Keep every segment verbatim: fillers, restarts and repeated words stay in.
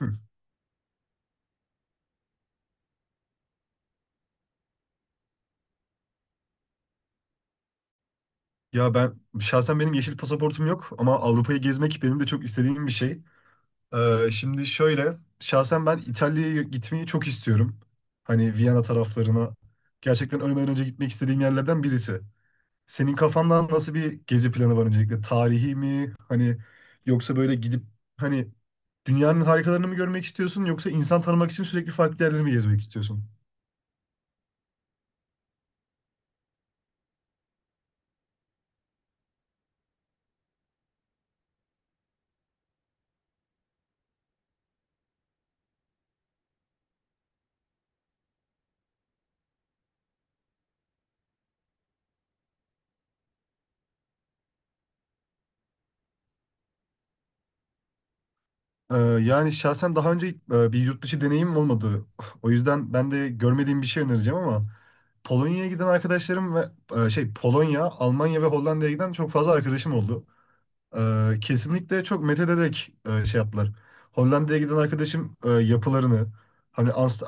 Hı. Ya ben şahsen benim yeşil pasaportum yok ama Avrupa'yı gezmek benim de çok istediğim bir şey. Ee, şimdi şöyle şahsen ben İtalya'ya gitmeyi çok istiyorum. Hani Viyana taraflarına gerçekten ölmeden önce gitmek istediğim yerlerden birisi. Senin kafandan nasıl bir gezi planı var öncelikle? Tarihi mi? Hani yoksa böyle gidip hani dünyanın harikalarını mı görmek istiyorsun yoksa insan tanımak için sürekli farklı yerleri mi gezmek istiyorsun? Ee, yani şahsen daha önce e, bir yurt dışı deneyimim olmadı. O yüzden ben de görmediğim bir şey önereceğim ama Polonya'ya giden arkadaşlarım ve e, şey Polonya, Almanya ve Hollanda'ya giden çok fazla arkadaşım oldu. Ee, kesinlikle çok methederek e, şey yaptılar. Hollanda'ya giden arkadaşım e, yapılarını hani anlat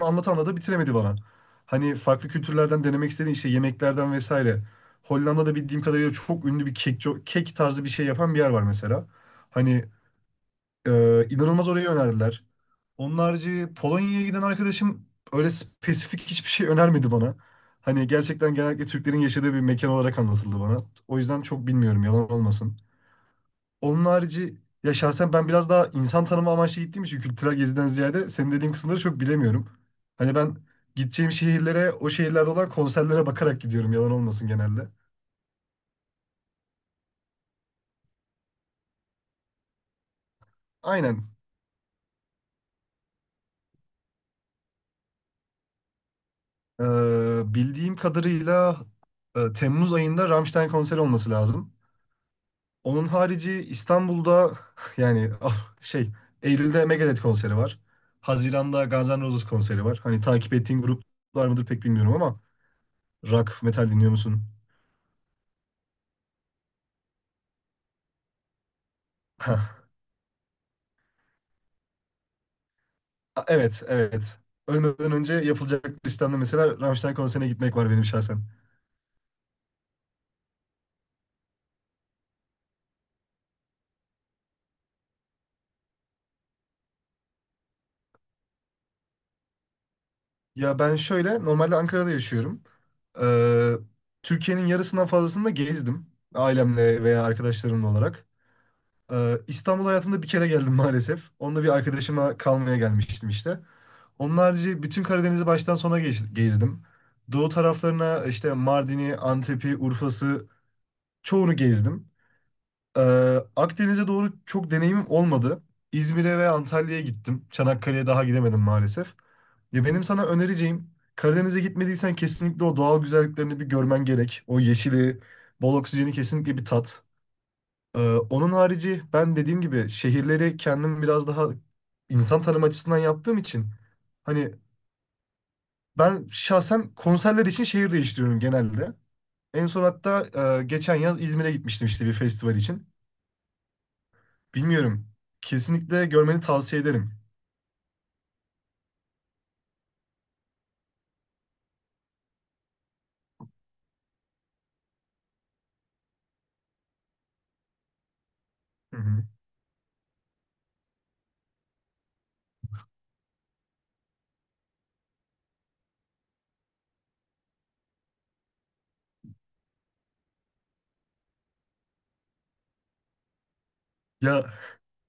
anlata anlata bitiremedi bana. Hani farklı kültürlerden denemek istediğin işte yemeklerden vesaire. Hollanda'da bildiğim kadarıyla çok ünlü bir kek, kek tarzı bir şey yapan bir yer var mesela. Hani ee, inanılmaz orayı önerdiler. Onun harici Polonya'ya giden arkadaşım öyle spesifik hiçbir şey önermedi bana. Hani gerçekten genellikle Türklerin yaşadığı bir mekan olarak anlatıldı bana. O yüzden çok bilmiyorum yalan olmasın. Onun harici ya şahsen ben biraz daha insan tanıma amaçlı gittiğim için kültürel geziden ziyade senin dediğin kısımları çok bilemiyorum. Hani ben gideceğim şehirlere o şehirlerde olan konserlere bakarak gidiyorum yalan olmasın genelde. Aynen. Ee, bildiğim kadarıyla e, Temmuz ayında Rammstein konseri olması lazım. Onun harici İstanbul'da yani ah, şey Eylül'de Megadeth konseri var. Haziran'da Guns N' Roses konseri var. Hani takip ettiğin gruplar mıdır pek bilmiyorum ama rock, metal dinliyor musun? Hah. A- Evet, evet. Ölmeden önce yapılacak listemde mesela Rammstein konserine gitmek var benim şahsen. Ya ben şöyle, normalde Ankara'da yaşıyorum. Ee, Türkiye'nin yarısından fazlasını da gezdim. Ailemle veya arkadaşlarımla olarak. Ee, İstanbul hayatımda bir kere geldim maalesef. Onunla bir arkadaşıma kalmaya gelmiştim işte. Onun harici bütün Karadeniz'i baştan sona gez- gezdim. Doğu taraflarına işte Mardin'i, Antep'i, Urfa'sı çoğunu gezdim. Ee, Akdeniz'e doğru çok deneyimim olmadı. İzmir'e ve Antalya'ya gittim. Çanakkale'ye daha gidemedim maalesef. Ya benim sana önereceğim Karadeniz'e gitmediysen kesinlikle o doğal güzelliklerini bir görmen gerek. O yeşili, bol oksijeni kesinlikle bir tat. Ee, onun harici ben dediğim gibi şehirleri kendim biraz daha insan tanım açısından yaptığım için hani ben şahsen konserler için şehir değiştiriyorum genelde. En son hatta e, geçen yaz İzmir'e gitmiştim işte bir festival için. Bilmiyorum. Kesinlikle görmeni tavsiye ederim. Hı hı. Ya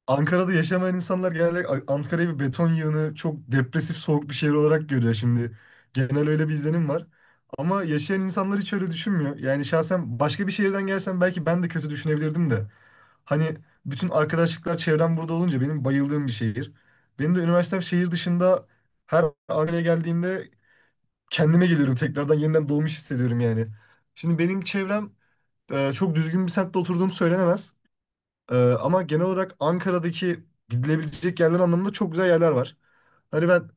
Ankara'da yaşamayan insanlar genelde A- Ankara'yı bir beton yığını, çok depresif, soğuk bir şehir olarak görüyor şimdi. Genel öyle bir izlenim var. Ama yaşayan insanlar hiç öyle düşünmüyor. Yani şahsen başka bir şehirden gelsem belki ben de kötü düşünebilirdim de. Hani bütün arkadaşlıklar çevrem burada olunca benim bayıldığım bir şehir. Benim de üniversitem şehir dışında her Ankara'ya geldiğimde kendime geliyorum tekrardan yeniden doğmuş hissediyorum yani. Şimdi benim çevrem e, çok düzgün bir semtte oturduğum söylenemez. Ee, ama genel olarak Ankara'daki gidilebilecek yerler anlamında çok güzel yerler var. Hani ben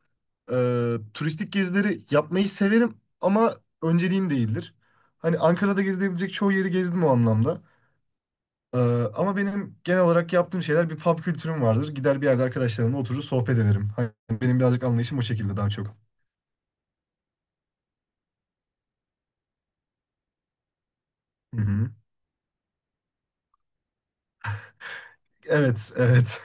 e, turistik gezileri yapmayı severim ama önceliğim değildir. Hani Ankara'da gezilebilecek çoğu yeri gezdim o anlamda. Ee, ama benim genel olarak yaptığım şeyler bir pub kültürüm vardır. Gider bir yerde arkadaşlarımla oturur sohbet ederim. Hani benim birazcık anlayışım o şekilde daha çok. Hı hı. Evet, evet.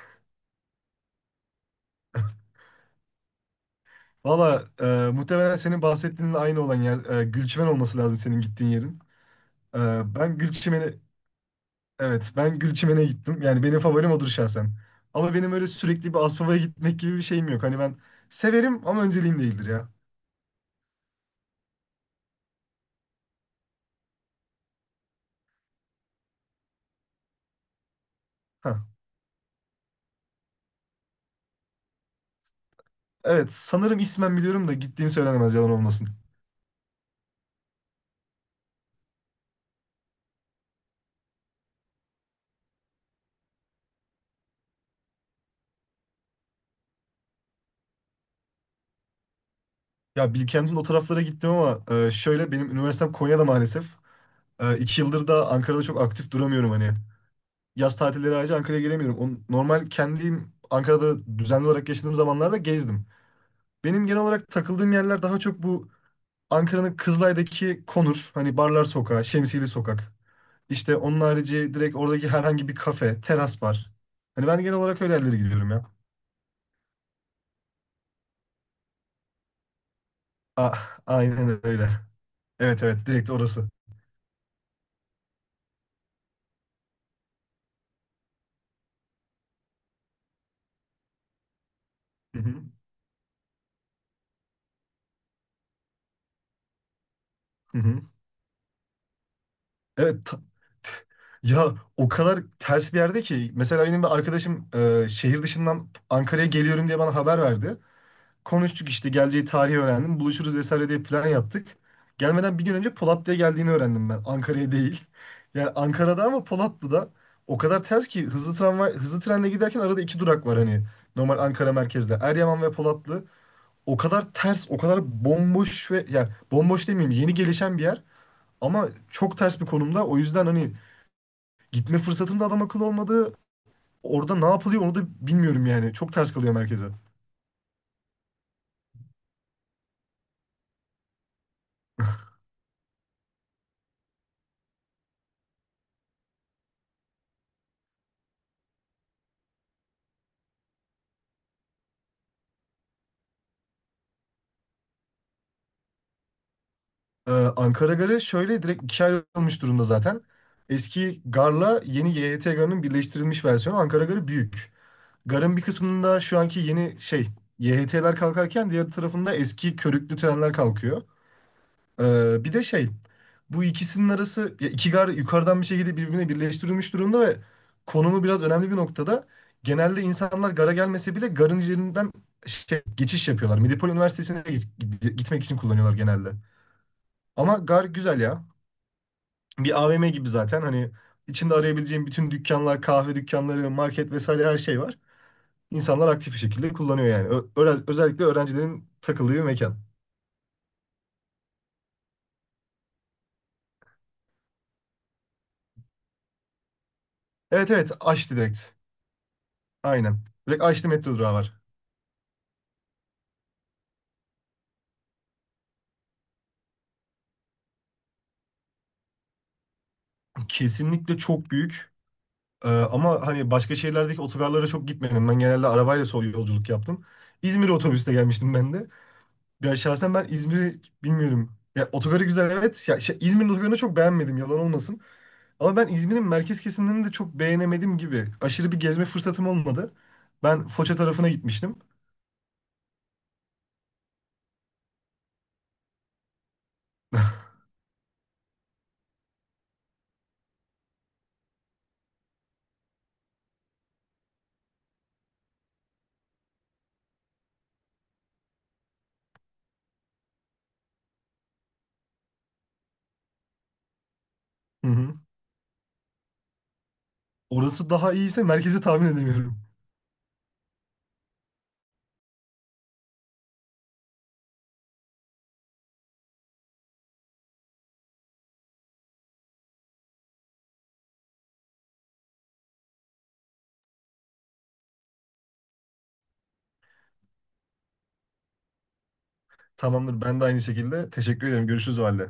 Valla e, muhtemelen senin bahsettiğinle aynı olan yer e, Gülçimen olması lazım senin gittiğin yerin. E, ben Gülçimen'i Evet, ben Gülçimen'e gittim. Yani benim favorim odur şahsen. Ama benim öyle sürekli bir Aspava'ya gitmek gibi bir şeyim yok. Hani ben severim ama önceliğim değildir ya. Ha. Evet, sanırım ismen biliyorum da gittiğim söylenemez yalan olmasın. Ya Bilkent'in o taraflara gittim ama e, şöyle benim üniversitem Konya'da maalesef. E, iki yıldır da Ankara'da çok aktif duramıyorum hani. Yaz tatilleri ayrıca Ankara'ya gelemiyorum. O, normal kendim Ankara'da düzenli olarak yaşadığım zamanlarda gezdim. Benim genel olarak takıldığım yerler daha çok bu Ankara'nın Kızılay'daki Konur, hani Barlar Sokağı, Şemsiyeli Sokak. İşte onun harici direkt oradaki herhangi bir kafe, teras var. Hani ben genel olarak öyle yerlere gidiyorum ya. A aynen öyle. Evet evet direkt orası. Hı hı. Hı hı. Evet ta- ya o kadar ters bir yerde ki mesela benim bir arkadaşım e, şehir dışından Ankara'ya geliyorum diye bana haber verdi. Konuştuk işte geleceği tarihi öğrendim. Buluşuruz vesaire diye plan yaptık. Gelmeden bir gün önce Polatlı'ya geldiğini öğrendim ben. Ankara'ya değil. Yani Ankara'da ama Polatlı'da o kadar ters ki hızlı tramvay, hızlı trenle giderken arada iki durak var hani. Normal Ankara merkezde. Eryaman ve Polatlı. O kadar ters, o kadar bomboş ve yani bomboş demeyeyim yeni gelişen bir yer. Ama çok ters bir konumda. O yüzden hani gitme fırsatım da adam akıllı olmadı. Orada ne yapılıyor onu da bilmiyorum yani. Çok ters kalıyor merkeze. Ee, Ankara Garı şöyle direkt ikiye ayrılmış durumda zaten. Eski garla yeni Y H T garının birleştirilmiş versiyonu Ankara Garı büyük. Garın bir kısmında şu anki yeni şey Y H T'ler kalkarken diğer tarafında eski körüklü trenler kalkıyor. Ee, bir de şey bu ikisinin arası ya iki gar yukarıdan bir şekilde birbirine birleştirilmiş durumda ve konumu biraz önemli bir noktada. Genelde insanlar gara gelmese bile garın üzerinden şey, geçiş yapıyorlar. Medipol Üniversitesi'ne git- gitmek için kullanıyorlar genelde. Ama gar güzel ya. Bir A V M gibi zaten hani içinde arayabileceğim bütün dükkanlar, kahve dükkanları, market vesaire her şey var. İnsanlar aktif bir şekilde kullanıyor yani. Ö- öğren- özellikle öğrencilerin takıldığı bir mekan. Evet evet açtı direkt. Aynen. Direkt açtı metro durağı var. Kesinlikle çok büyük. Ee, ama hani başka şehirlerdeki otogarlara çok gitmedim. Ben genelde arabayla sol yolculuk yaptım. İzmir otobüste gelmiştim ben de. Ya şahsen ben İzmir'i bilmiyorum. Ya otogarı güzel evet. Ya şey, İzmir'in otogarını çok beğenmedim yalan olmasın. Ama ben İzmir'in merkez kesimlerini de çok beğenemedim gibi. Aşırı bir gezme fırsatım olmadı. Ben Foça tarafına gitmiştim. Hı hı. Orası daha iyiyse merkezi tahmin edemiyorum. Tamamdır. Ben de aynı şekilde. Teşekkür ederim. Görüşürüz o halde.